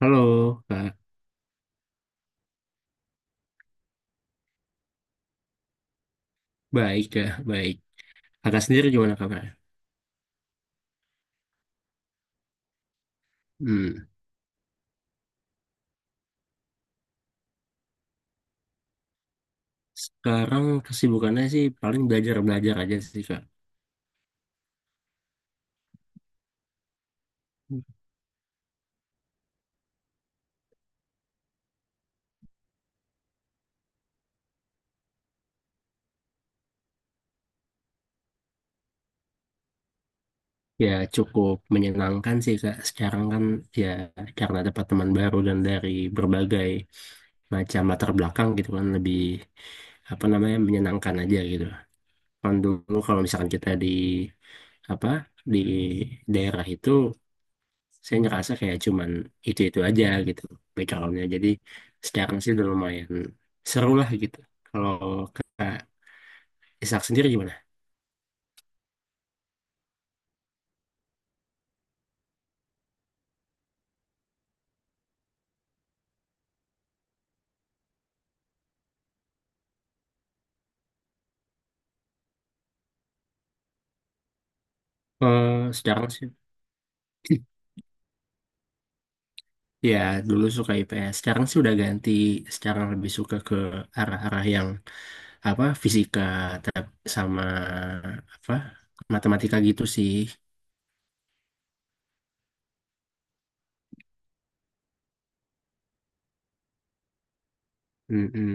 Halo, Kak. Baik, Kak. Baik. Kakak sendiri gimana kabarnya? Hmm. Sekarang kesibukannya sih paling belajar-belajar aja sih, Kak. Ya, cukup menyenangkan sih, Kak. Sekarang kan ya karena dapat teman baru dan dari berbagai macam latar belakang gitu kan lebih apa namanya menyenangkan aja gitu. Kan dulu kalau misalkan kita di apa di daerah itu saya ngerasa kayak cuman itu-itu aja gitu backgroundnya. Jadi sekarang sih udah lumayan seru lah gitu. Kalau Kak Ishak sendiri gimana? Eh sekarang sih Ya dulu suka IPS, sekarang sih udah ganti, sekarang lebih suka ke arah-arah yang apa fisika sama apa matematika gitu sih. Mm-mm.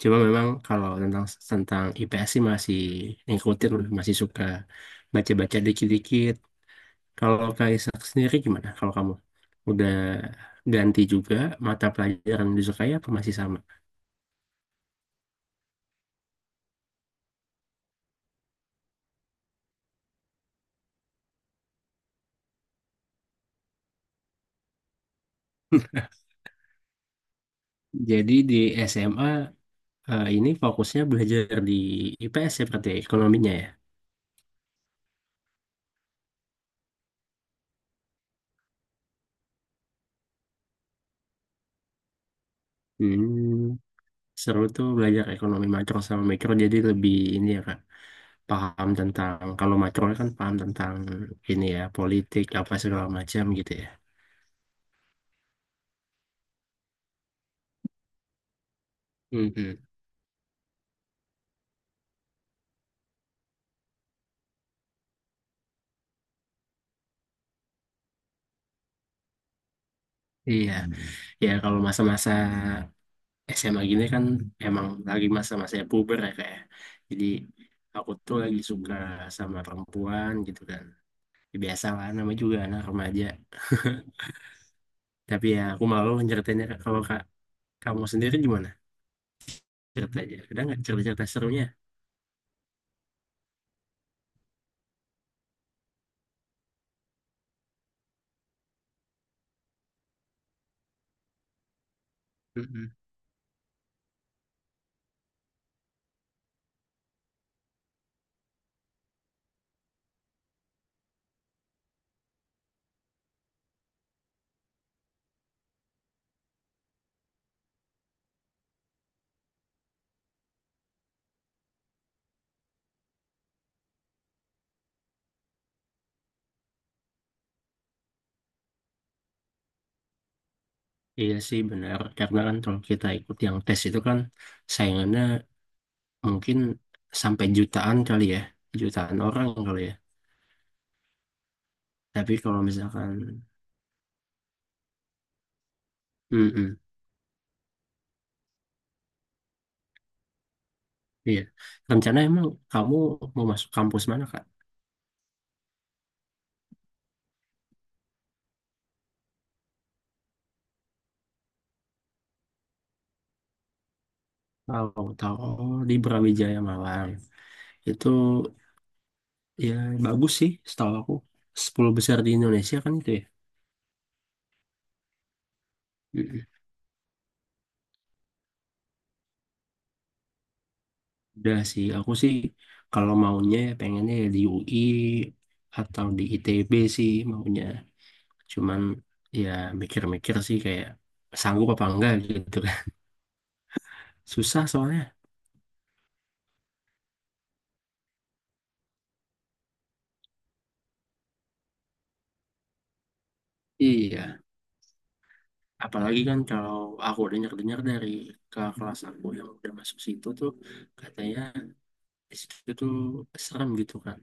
Cuma memang kalau tentang tentang IPS sih masih ngikutin, masih suka baca-baca dikit-dikit. Kalau Kaisak sendiri gimana? Kalau kamu udah ganti juga mata pelajaran yang disukai apa masih sama? Jadi di SMA ini fokusnya belajar di IPS ya berarti ya, ekonominya ya. Hmm, Seru tuh belajar ekonomi makro sama mikro jadi lebih ini ya Kak, paham tentang kalau makro kan paham tentang ini ya politik apa segala macam gitu ya. Mhm. Iya, ya kalau masa-masa SMA gini kan emang lagi masa masa puber ya kayak jadi aku tuh lagi suka sama perempuan gitu kan. Ya, biasa lah namanya juga anak remaja, tapi ya aku malu ceritainnya, Kak. Kalau kak kamu sendiri gimana? Cerita aja, ada nggak cerita-cerita serunya? Mm-mm. Iya sih benar, karena kan kalau kita ikut yang tes itu kan saingannya mungkin sampai jutaan kali ya, jutaan orang kali ya, tapi kalau misalkan mm iya, rencana emang kamu mau masuk kampus mana, Kak? Tahu, tahu. Oh, di Brawijaya Malang. Itu ya bagus sih setahu aku. 10 besar di Indonesia kan itu ya. Mm-mm. Udah sih, aku sih kalau maunya ya pengennya ya di UI atau di ITB sih maunya. Cuman ya mikir-mikir sih kayak sanggup apa enggak gitu kan. Susah soalnya. Iya, apalagi kan kalau aku dengar-dengar dari ke kelas aku yang udah masuk situ tuh katanya di situ tuh serem gitu kan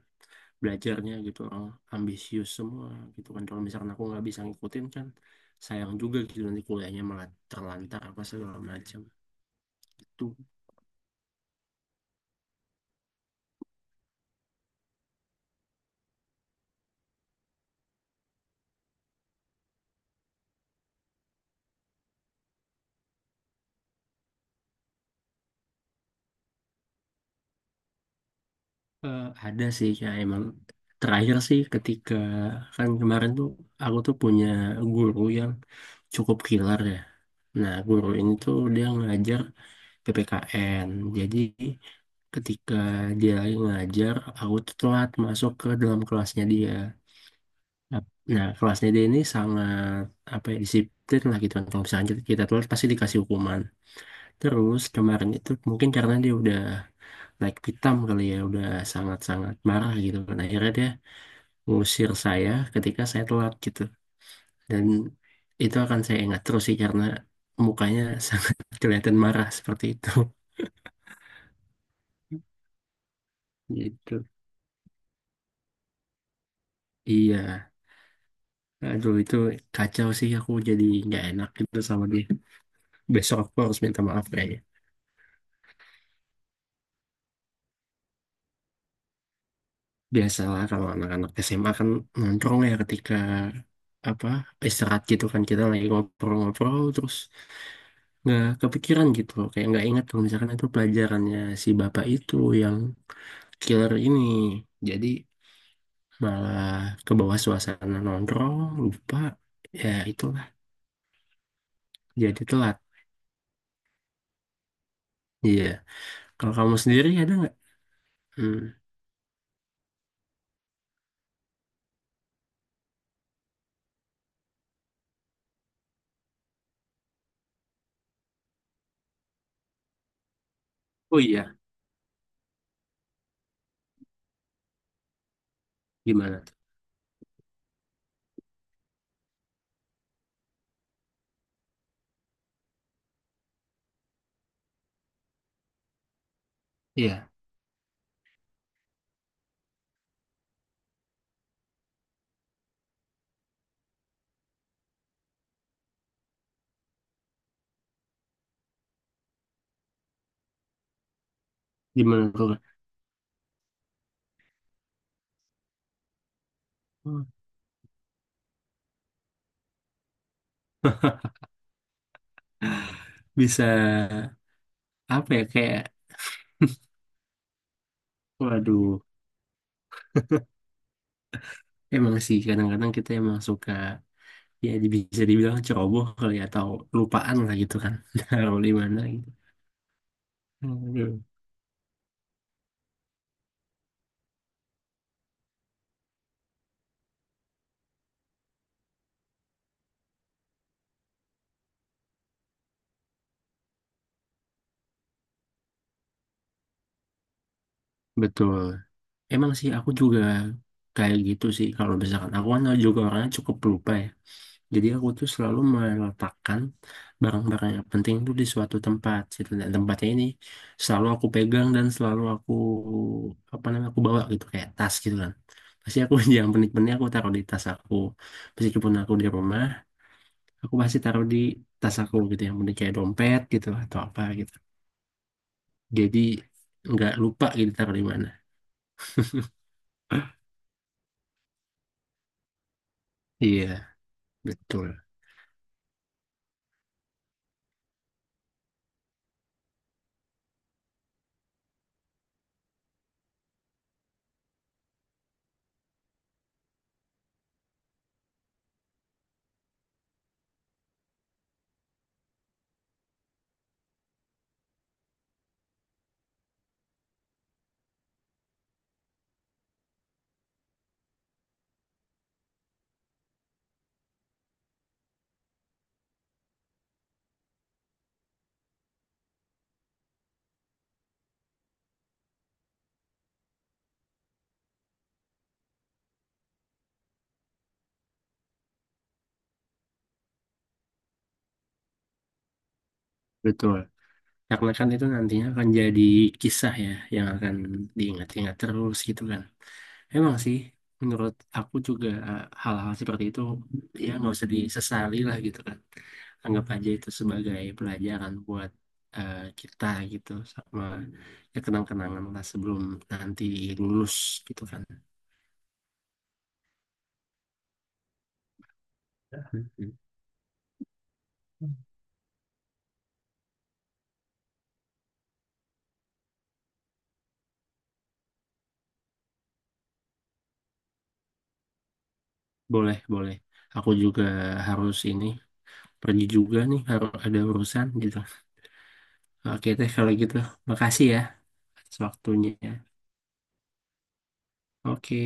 belajarnya, gitu orang ambisius semua gitu kan, kalau misalkan aku nggak bisa ngikutin kan sayang juga gitu, nanti kuliahnya malah terlantar apa segala macam tuh. Ada sih ya emang, terakhir sih ketika kan kemarin tuh aku tuh punya guru yang cukup killer ya, nah guru ini tuh dia ngajar PPKN, jadi ketika dia lagi ngajar aku tuh telat masuk ke dalam kelasnya dia. Ap- Nah, kelas DD ini sangat apa ya disiplin lah gitu kan. Kalau misalnya kita telat pasti dikasih hukuman. Terus kemarin itu mungkin karena dia udah naik pitam kali ya, udah sangat-sangat marah gitu kan. Akhirnya dia ngusir saya ketika saya telat gitu. Dan itu akan saya ingat terus sih karena mukanya sangat kelihatan marah seperti itu. Gitu. Iya. Aduh, itu kacau sih, aku jadi nggak enak gitu sama dia. Besok aku harus minta maaf kayaknya. Biasalah kalau anak-anak SMA kan nongkrong ya ketika apa istirahat gitu kan, kita lagi ngobrol-ngobrol terus nggak kepikiran gitu kayak nggak ingat kalau misalkan itu pelajarannya si bapak itu yang killer ini, jadi malah ke bawah suasana nongkrong, lupa, ya itulah, jadi telat. Iya, kalau kamu sendiri ada nggak? Hmm. Oh iya. Gimana tuh? Iya, gimana tuh? Hmm. Bisa apa ya, kayak waduh. Emang sih kadang-kadang kita emang suka ya bisa dibilang ceroboh kali ya, atau lupaan lah gitu kan, taruh di mana gitu. Aduh. Betul. Emang sih aku juga kayak gitu sih, kalau misalkan aku kan juga orangnya cukup lupa ya. Jadi aku tuh selalu meletakkan barang-barang yang penting tuh di suatu tempat gitu. Dan tempatnya ini selalu aku pegang, dan selalu aku apa namanya aku bawa gitu, kayak tas gitu kan. Pasti aku yang penting-penting aku taruh di tas aku. Meskipun aku di rumah aku masih taruh di tas aku gitu, yang penting kayak dompet gitu atau apa gitu, jadi nggak lupa gitu taruh di mana. Iya betul betul, karena kan itu nantinya akan jadi kisah ya yang akan diingat-ingat terus gitu kan. Emang sih menurut aku juga hal-hal seperti itu ya nggak usah disesali lah gitu kan, anggap aja itu sebagai pelajaran buat kita gitu, sama ya kenang-kenangan lah sebelum nanti lulus gitu kan. Boleh, boleh. Aku juga harus ini pergi juga nih, harus ada urusan gitu. Oke teh kalau gitu. Makasih ya atas waktunya. Oke.